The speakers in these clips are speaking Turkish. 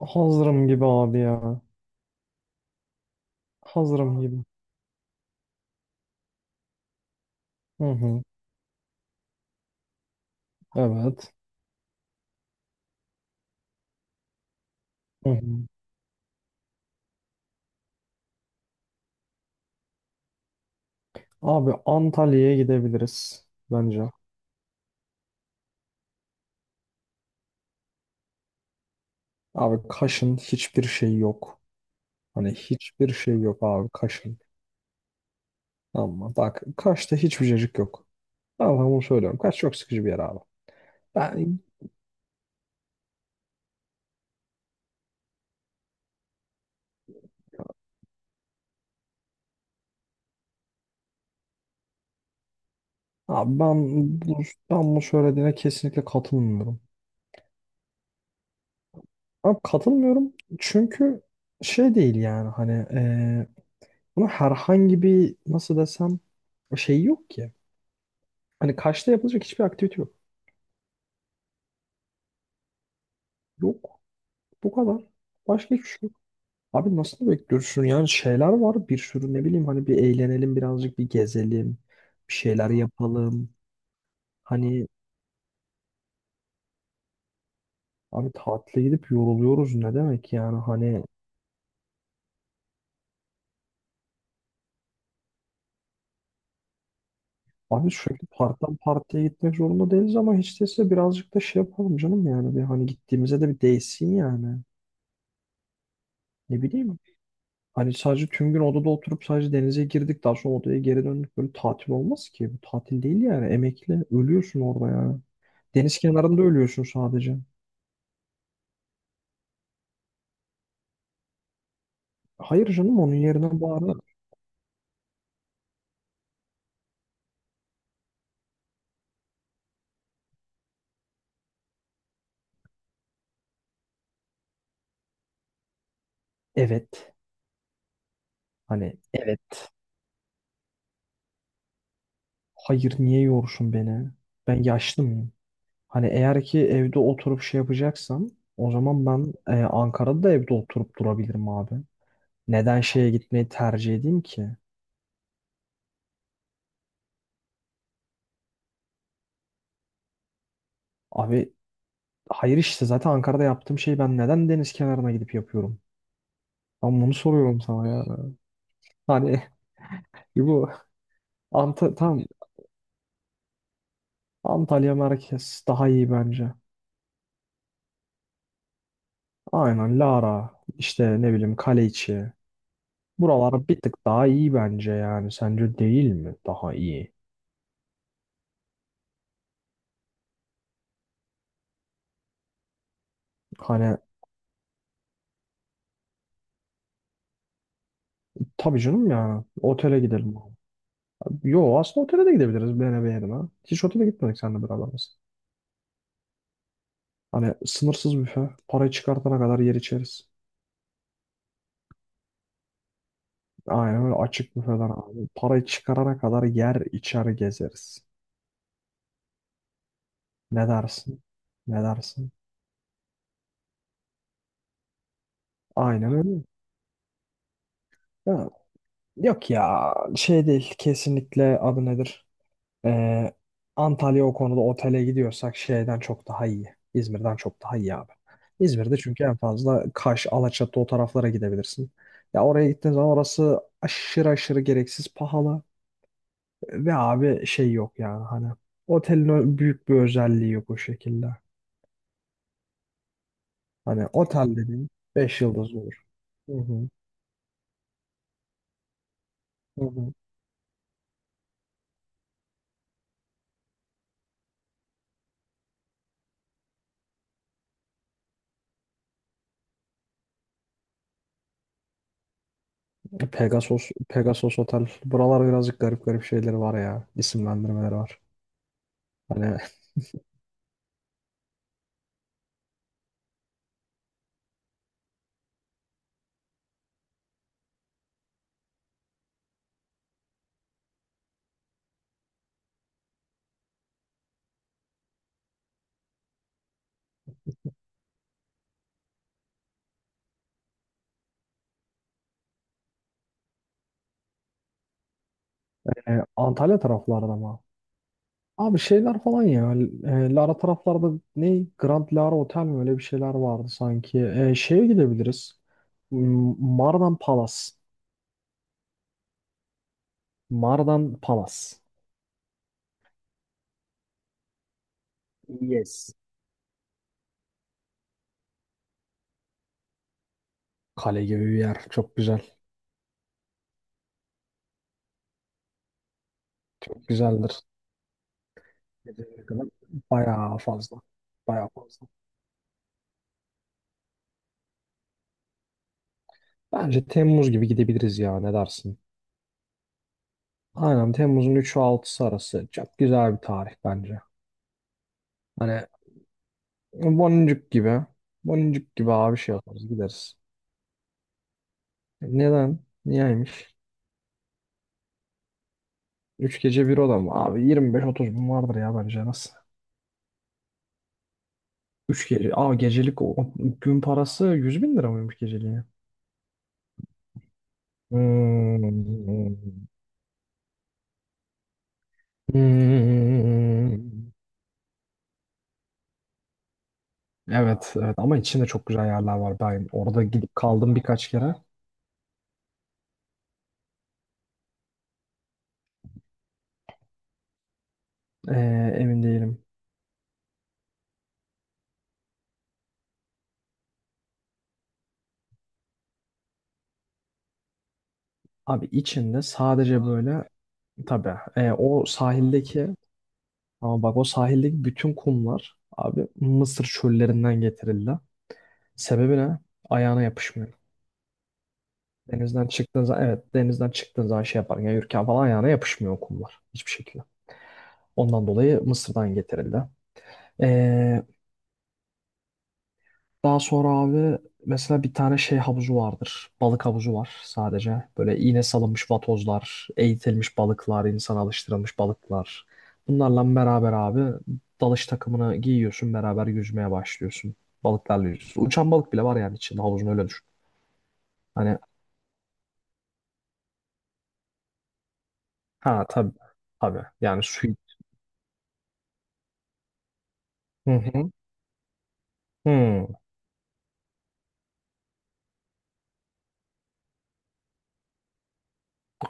Hazırım gibi abi ya. Hazırım gibi. Hı hı. Evet. Hı hı. Abi Antalya'ya gidebiliriz bence. Abi Kaş'ın hiçbir şeyi yok. Hani hiçbir şey yok abi Kaş'ın. Ama bak Kaş'ta hiçbir cacık yok. Tamam, ben sana bunu söylüyorum. Kaş çok sıkıcı bir yer abi. Ben abi ben bu, ben bu söylediğine kesinlikle katılmıyorum. Abi katılmıyorum çünkü şey değil yani hani buna herhangi bir nasıl desem şey yok ki. Hani Kaş'ta yapılacak hiçbir aktivite yok. Yok. Bu kadar. Başka hiçbir şey yok. Abi nasıl bekliyorsun? Yani şeyler var bir sürü ne bileyim hani bir eğlenelim birazcık bir gezelim. Bir şeyler yapalım. Hani abi tatile gidip yoruluyoruz ne demek yani hani abi sürekli partiden partiye gitmek zorunda değiliz ama hiç değilse birazcık da şey yapalım canım yani bir hani gittiğimize de bir değsin yani. Ne bileyim. Hani sadece tüm gün odada oturup sadece denize girdik. Daha sonra odaya geri döndük. Böyle tatil olmaz ki. Bu tatil değil yani. Emekli. Ölüyorsun orada yani. Deniz kenarında ölüyorsun sadece. Hayır canım onun yerine bari. Evet. Hani evet. Hayır niye yorsun beni? Ben yaşlı mıyım? Hani eğer ki evde oturup şey yapacaksam o zaman ben Ankara'da da evde oturup durabilirim abi. Neden şeye gitmeyi tercih edeyim ki? Abi hayır işte zaten Ankara'da yaptığım şeyi ben neden deniz kenarına gidip yapıyorum? Ben bunu soruyorum sana ya. Hani bu Ant tam Antalya merkez daha iyi bence. Aynen Lara işte ne bileyim Kaleiçi. Buralar bir tık daha iyi bence yani. Sence değil mi? Daha iyi. Hani tabii canım ya otele gidelim. Yo aslında otele de gidebiliriz beğene beğenime. Hiç otele gitmedik seninle beraber biz. Hani sınırsız büfe. Parayı çıkartana kadar yer içeriz. Aynen öyle açık büfeden abi. Parayı çıkarana kadar yer içer gezeriz. Ne dersin? Ne dersin? Aynen öyle. Ya, yok ya şey değil kesinlikle adı nedir? Ee, Antalya o konuda otele gidiyorsak şeyden çok daha iyi. İzmir'den çok daha iyi abi. İzmir'de çünkü en fazla Kaş, Alaçatı o taraflara gidebilirsin. Ya oraya gittiğin zaman orası aşırı aşırı gereksiz pahalı. Ve abi şey yok yani hani otelin büyük bir özelliği yok o şekilde. Hani otel dediğin 5 yıldız olur. Hı hı. Hı hı. Pegasus, Pegasus Otel. Buralar birazcık garip garip şeyleri var ya. İsimlendirmeleri var. Hani Antalya taraflarda mı? Abi şeyler falan ya. Lara taraflarda ne? Grand Lara Otel mi? Öyle bir şeyler vardı sanki. Şeye gidebiliriz. Mardan Palace. Mardan Palace. Yes. Kale gibi bir yer. Çok güzel. Çok güzeldir. Ne kadar? Bayağı fazla. Bayağı fazla. Bence Temmuz gibi gidebiliriz ya. Ne dersin? Aynen Temmuz'un 3'ü 6'sı arası. Çok güzel bir tarih bence. Hani boncuk gibi. Boncuk gibi abi şey yaparız gideriz. Neden? Niyeymiş? 3 gece bir oda mı? Abi 25 30 bin vardır ya bence nasıl? 3 gece. Aa gecelik o gün parası 100 bin lira mıymış geceliğe? Hmm. Hmm. Evet, evet ama içinde çok güzel yerler var. Ben orada gidip kaldım birkaç kere. Ee, emin değilim. Abi içinde sadece böyle tabii o sahildeki ama bak o sahildeki bütün kumlar abi Mısır çöllerinden getirildi. Sebebi ne? Ayağına yapışmıyor. Denizden çıktığın zaman evet denizden çıktığın zaman şey yapar. Yani yürürken falan ayağına yapışmıyor kumlar. Hiçbir şekilde. Ondan dolayı Mısır'dan getirildi. Ee, daha sonra abi mesela bir tane şey havuzu vardır. Balık havuzu var sadece. Böyle iğne salınmış vatozlar, eğitilmiş balıklar, insan alıştırılmış balıklar. Bunlarla beraber abi dalış takımını giyiyorsun beraber yüzmeye başlıyorsun. Balıklarla yüzüyorsun. Uçan balık bile var yani içinde havuzun öyle düşün. Hani ha tabii tabii yani su. Hı hı. Hı.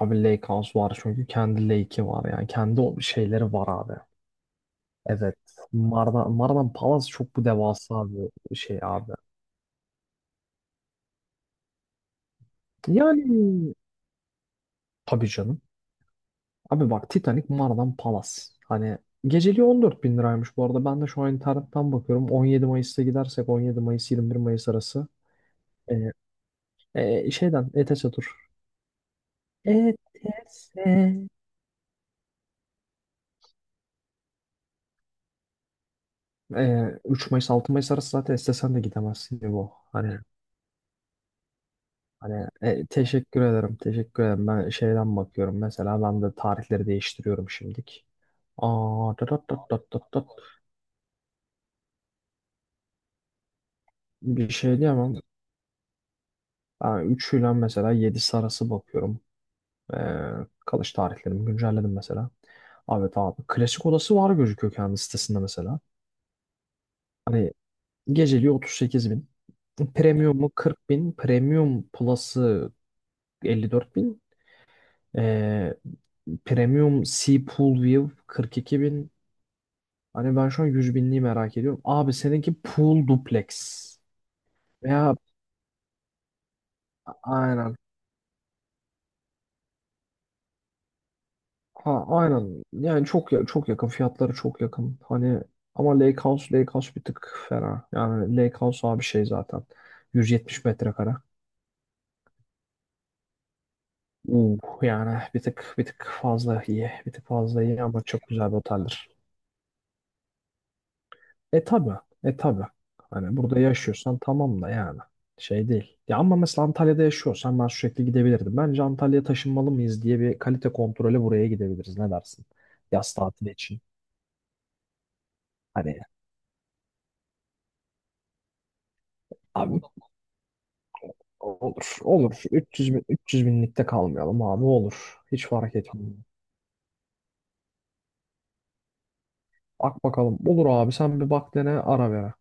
Abi Lake House var çünkü kendi lake'i var yani kendi o şeyleri var abi. Evet. Mardan Palace çok bu devasa bir şey abi. Yani tabii canım. Abi bak Titanic Mardan Palace. Hani geceliği 14 bin liraymış bu arada. Ben de şu an internetten bakıyorum. 17 Mayıs'ta gidersek 17 Mayıs 21 Mayıs arası. Ee, şeyden ETS tur. ETS. 3 Mayıs 6 Mayıs arası zaten istesen de gidemezsin bu. Hani teşekkür ederim, teşekkür ederim. Ben şeyden bakıyorum mesela ben de tarihleri değiştiriyorum şimdilik. Aa, tat tat tat tat tat tat. Bir şey diyemem. Ben 3 ile mesela 7'si arası bakıyorum. Ee, kalış tarihlerimi güncelledim mesela. Evet abi klasik odası var gözüküyor kendi sitesinde mesela. Hani geceliği 38 bin. Premium'u 40 bin. Premium Plus'ı 54 bin. Ee, Premium Sea Pool View 42. Hani ben şu an 100 binliği merak ediyorum. Abi seninki pool duplex. Veya aynen. Ha aynen. Yani çok çok yakın. Fiyatları çok yakın. Hani ama Lake House bir tık fena. Yani Lake House abi şey zaten. 170 metrekare. Yani bir tık bir tık fazla iyi. Bir tık fazla iyi ama çok güzel bir oteldir. E tabi. E tabi. Hani burada yaşıyorsan tamam da yani. Şey değil. Ya ama mesela Antalya'da yaşıyorsan ben sürekli gidebilirdim. Bence Antalya'ya taşınmalı mıyız diye bir kalite kontrolü buraya gidebiliriz. Ne dersin? Yaz tatili için. Hani abi olur. Olur. 300 bin, 300 binlikte kalmayalım abi olur. Hiç fark etmiyor. Bak bakalım. Olur abi sen bir bak dene ara ver